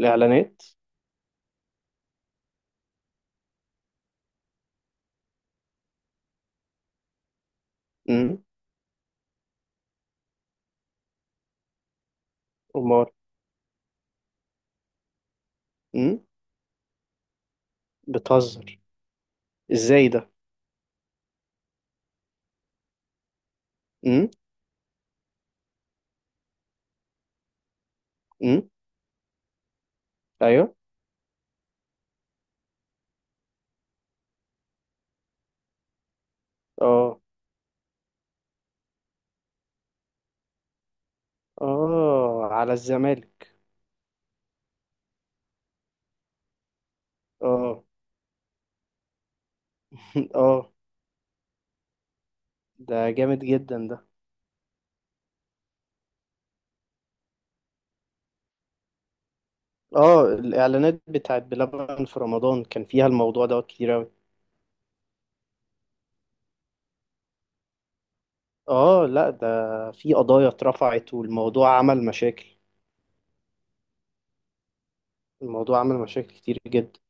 الاعلانات. امم. امال. امم. بتهزر. ازاي ده؟ امم. امم. ايوه. اه. اه على الزمالك. اه. اه. ده جامد جدا ده. اه، الاعلانات بتاعت بلبن في رمضان كان فيها الموضوع دوت كتير اوي. اه. لا ده. في قضايا اترفعت والموضوع عمل مشاكل. الموضوع عمل مشاكل كتير جدا.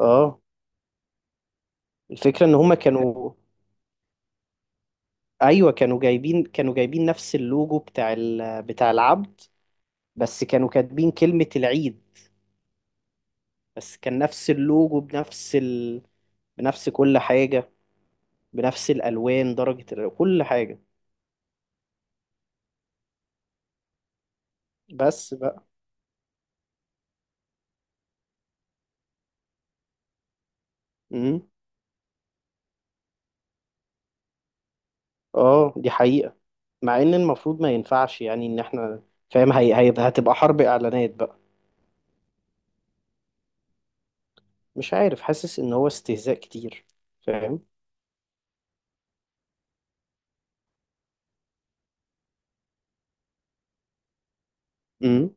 اه. الفكرة ان هما كانوا. ايوه، كانوا جايبين نفس اللوجو بتاع العبد. بس كانوا كاتبين كلمة العيد. بس كان نفس اللوجو بنفس كل حاجة. بنفس الألوان، كل حاجة. بس بقى. امم. اه، دي حقيقة. مع ان المفروض ما ينفعش، يعني ان احنا. فاهم، هتبقى حرب اعلانات بقى. مش عارف، حاسس ان هو استهزاء كتير. فاهم. امم.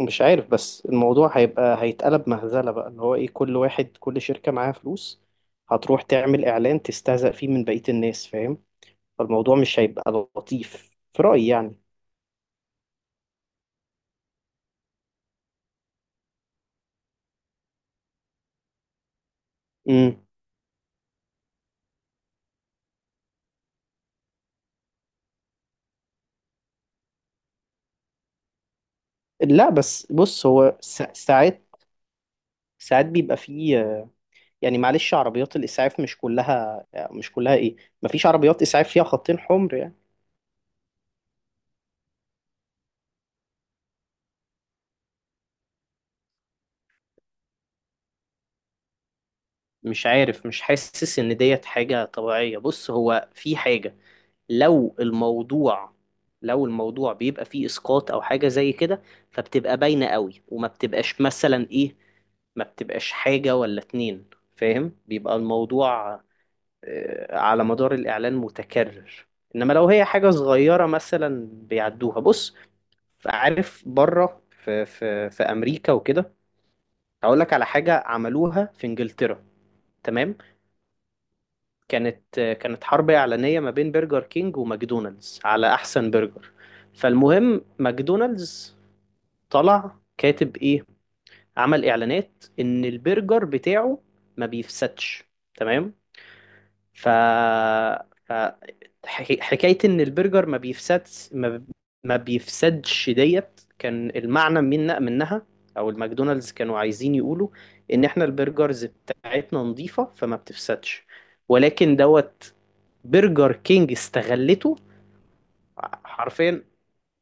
مش عارف، بس الموضوع هيبقى هيتقلب مهزلة بقى، اللي هو ايه، كل شركة معاها فلوس. هتروح تعمل اعلان تستهزأ فيه من بقية الناس، فاهم. فالموضوع مش هيبقى لطيف في رأيي يعني امم لا بس بص هو سا- ساعات ساعات بيبقى فيه يعني معلش عربيات الإسعاف مش كلها مش كلها إيه مفيش عربيات إسعاف فيها خطين حمر يعني مش عارف مش حاسس إن ديت حاجة طبيعية بص هو في حاجة لو الموضوع لو الموضوع بيبقى فيه إسقاط أو حاجة زي كده فبتبقى باينة قوي وما بتبقاش مثلا إيه ما بتبقاش حاجة ولا اتنين فاهم بيبقى الموضوع آه، على مدار الإعلان متكرر إنما لو هي حاجة صغيرة مثلا بيعدوها بص عارف بره في في في أمريكا وكده هقول لك على حاجة عملوها في إنجلترا تمام كانت آه، كانت حرب إعلانية ما بين برجر كينج وماكدونالدز على أحسن برجر فالمهم ماكدونالدز طلع كاتب إيه عمل إعلانات إن البرجر بتاعه ما بيفسدش تمام ف ف- حكي- حكاية إن البرجر ما بيفسدش ما ما بيفسدش ديت كان المعنى من منها أو الماكدونالدز كانوا عايزين يقولوا إن إحنا البرجرز بتاعتنا نظيفة فما بتفسدش ولكن دوت برجر كينج استغلته حرفيا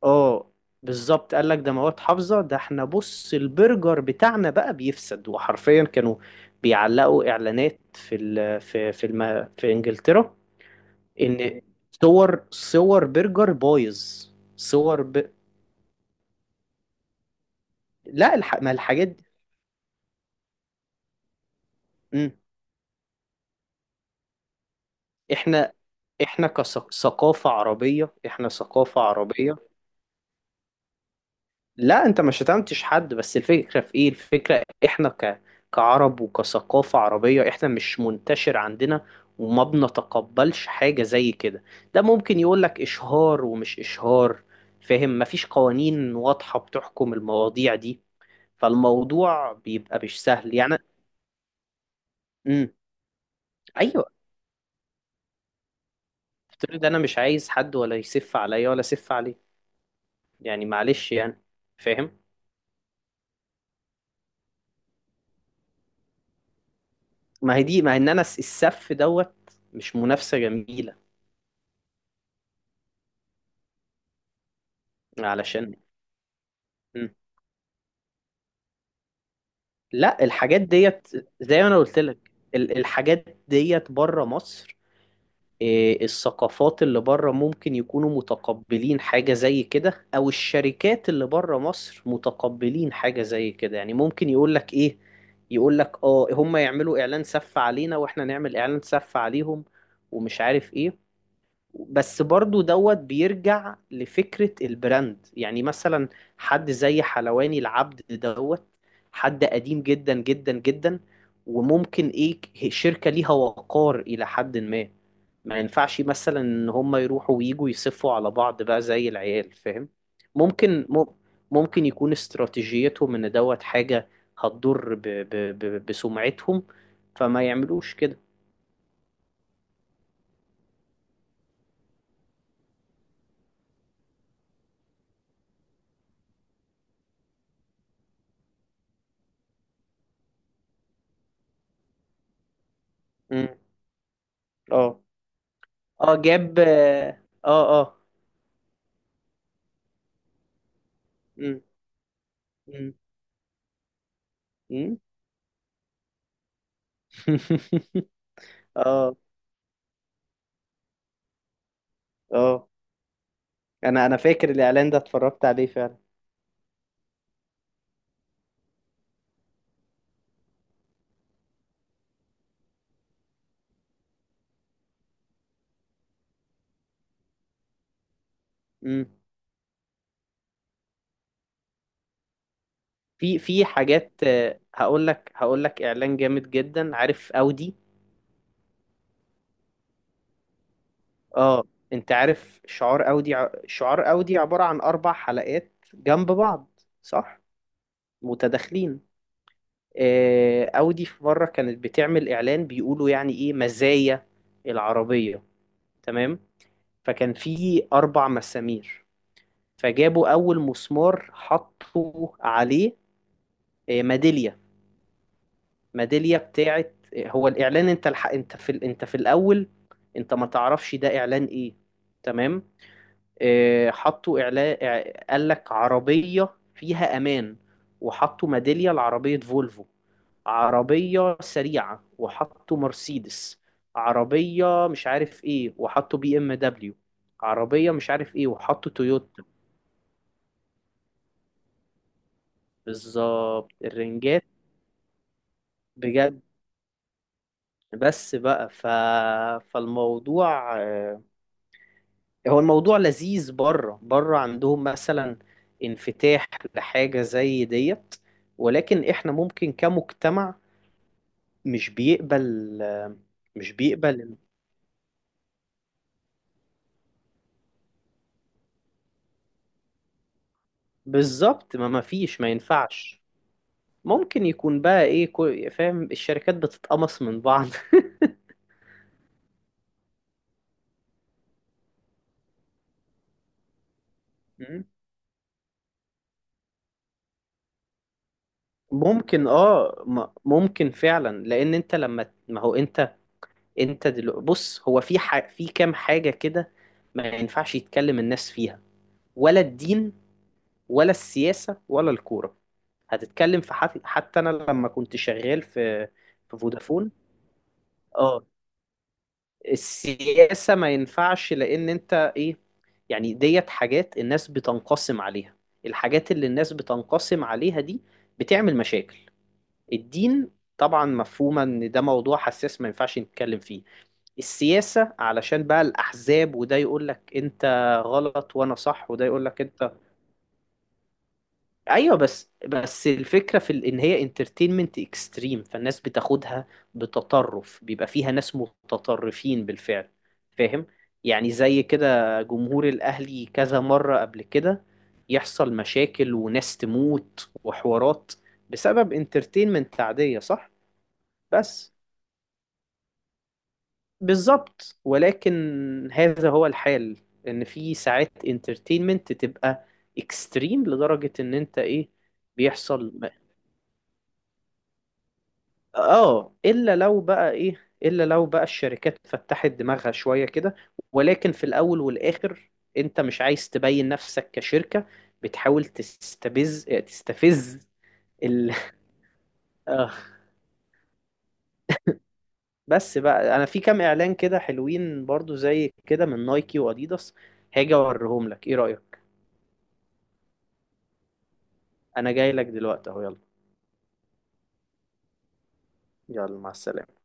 اه بالظبط قال لك ده مواد حافظة ده احنا بص البرجر بتاعنا بقى بيفسد وحرفيا كانوا بيعلقوا اعلانات في ال في في الم في انجلترا ان صور صور برجر بايظ صور ب... لا الح... ما الحاجات دي مم. احنا احنا كثقافة عربية احنا ثقافة عربية لا انت ما شتمتش حد بس الفكرة في ايه الفكرة احنا ك... كعرب وكثقافة عربية احنا مش منتشر عندنا وما بنتقبلش حاجة زي كده ده ممكن يقولك اشهار ومش اشهار فاهم مفيش قوانين واضحة بتحكم المواضيع دي فالموضوع بيبقى مش سهل يعني. امم. ايوه. افترض انا مش عايز حد ولا يسف عليا ولا اسف عليه. يعني معلش يعني. فاهم. ما هي دي، ما ان انا السف دوت. مش منافسه جميله. علشان. مم. لا، الحاجات ديت. زي ما انا قلت لك، الحاجات ديت بره مصر. إيه، الثقافات اللي بره ممكن يكونوا متقبلين حاجة زي كده، او الشركات اللي بره مصر متقبلين حاجة زي كده، يعني ممكن يقولك ايه. يقولك اه هم يعملوا اعلان سف علينا واحنا نعمل اعلان سف عليهم. ومش عارف ايه. بس برضو دوت بيرجع لفكرة البراند، يعني مثلا حد زي حلواني العبد دوت، حد قديم جدا جدا جدا، وممكن ايه، شركة ليها وقار إلى حد ما. ما ينفعش مثلا ان هم يروحوا ويجوا يصفوا على بعض بقى زي العيال، فاهم. ممكن ممكن يكون استراتيجيتهم ان دوت حاجة هتضر ب ب ب بسمعتهم. فما يعملوش كده. مم. اه. اه جاب اه. اه. آه. مم. مم. مم. اه. اه. انا فاكر الاعلان ده اتفرجت عليه فعلا. مم. في حاجات، هقول لك اعلان جامد جدا، عارف اودي. اه. انت عارف شعار اودي، عبارة عن اربع حلقات جنب بعض، صح؟ متداخلين. اودي في مرة كانت بتعمل اعلان بيقولوا يعني ايه مزايا العربية. تمام. فكان في اربع مسامير. فجابوا أول مسمار حطوا عليه ميدالية. ميدالية بتاعت، هو الإعلان، أنت في الأول. أنت ما تعرفش ده إعلان إيه. تمام. حطوا إعلان. قال لك عربية فيها أمان، وحطوا ميدالية لعربية فولفو. عربية سريعة وحطوا مرسيدس. عربية مش عارف ايه وحطوا BMW. عربية مش عارف ايه وحطوا تويوتا. بالظبط الرنجات. بجد. بس بقى فالموضوع، هو الموضوع لذيذ، بره بره عندهم مثلا انفتاح لحاجة زي ديت. ولكن احنا ممكن كمجتمع مش بيقبل آه، مش بيقبل. بالظبط، ما فيش، ما ينفعش. ممكن يكون بقى ايه، فاهم، الشركات بتتقمص من بعض. ممكن ممكن فعلا، لان انت لما ما هو انت. انت بص، هو في في كام حاجة كده ما ينفعش يتكلم الناس فيها، ولا الدين ولا السياسة ولا الكورة. هتتكلم في حتى انا لما كنت شغال في في فودافون. اه. السياسة ما ينفعش لان انت ايه، يعني ديت حاجات الناس بتنقسم عليها. الحاجات اللي الناس بتنقسم عليها دي بتعمل مشاكل. الدين طبعا مفهومة ان ده موضوع حساس، ما ينفعش نتكلم فيه. السياسة علشان بقى الأحزاب، وده يقول لك أنت غلط وأنا صح، وده يقول لك أنت. أيوه، بس الفكرة إن هي انترتينمنت اكستريم، فالناس بتاخدها بتطرف، بيبقى فيها ناس متطرفين بالفعل. فاهم. يعني زي كده جمهور الأهلي كذا مرة قبل كده يحصل مشاكل وناس تموت وحوارات بسبب انترتينمنت عادية، صح. بس. بالظبط، ولكن هذا هو الحال. ان في ساعات انترتينمنت تبقى اكستريم لدرجة ان انت ايه. بيحصل. اه، الا لو بقى الشركات فتحت دماغها شوية كده. ولكن في الاول والاخر انت مش عايز تبين نفسك كشركة بتحاول تستفز. ال... آه. بس بقى، انا في كام اعلان كده حلوين برضو زي كده من نايكي واديداس. هاجي اوريهم لك، ايه رأيك؟ انا جاي لك دلوقتي اهو، يلا. يلا، مع السلامة.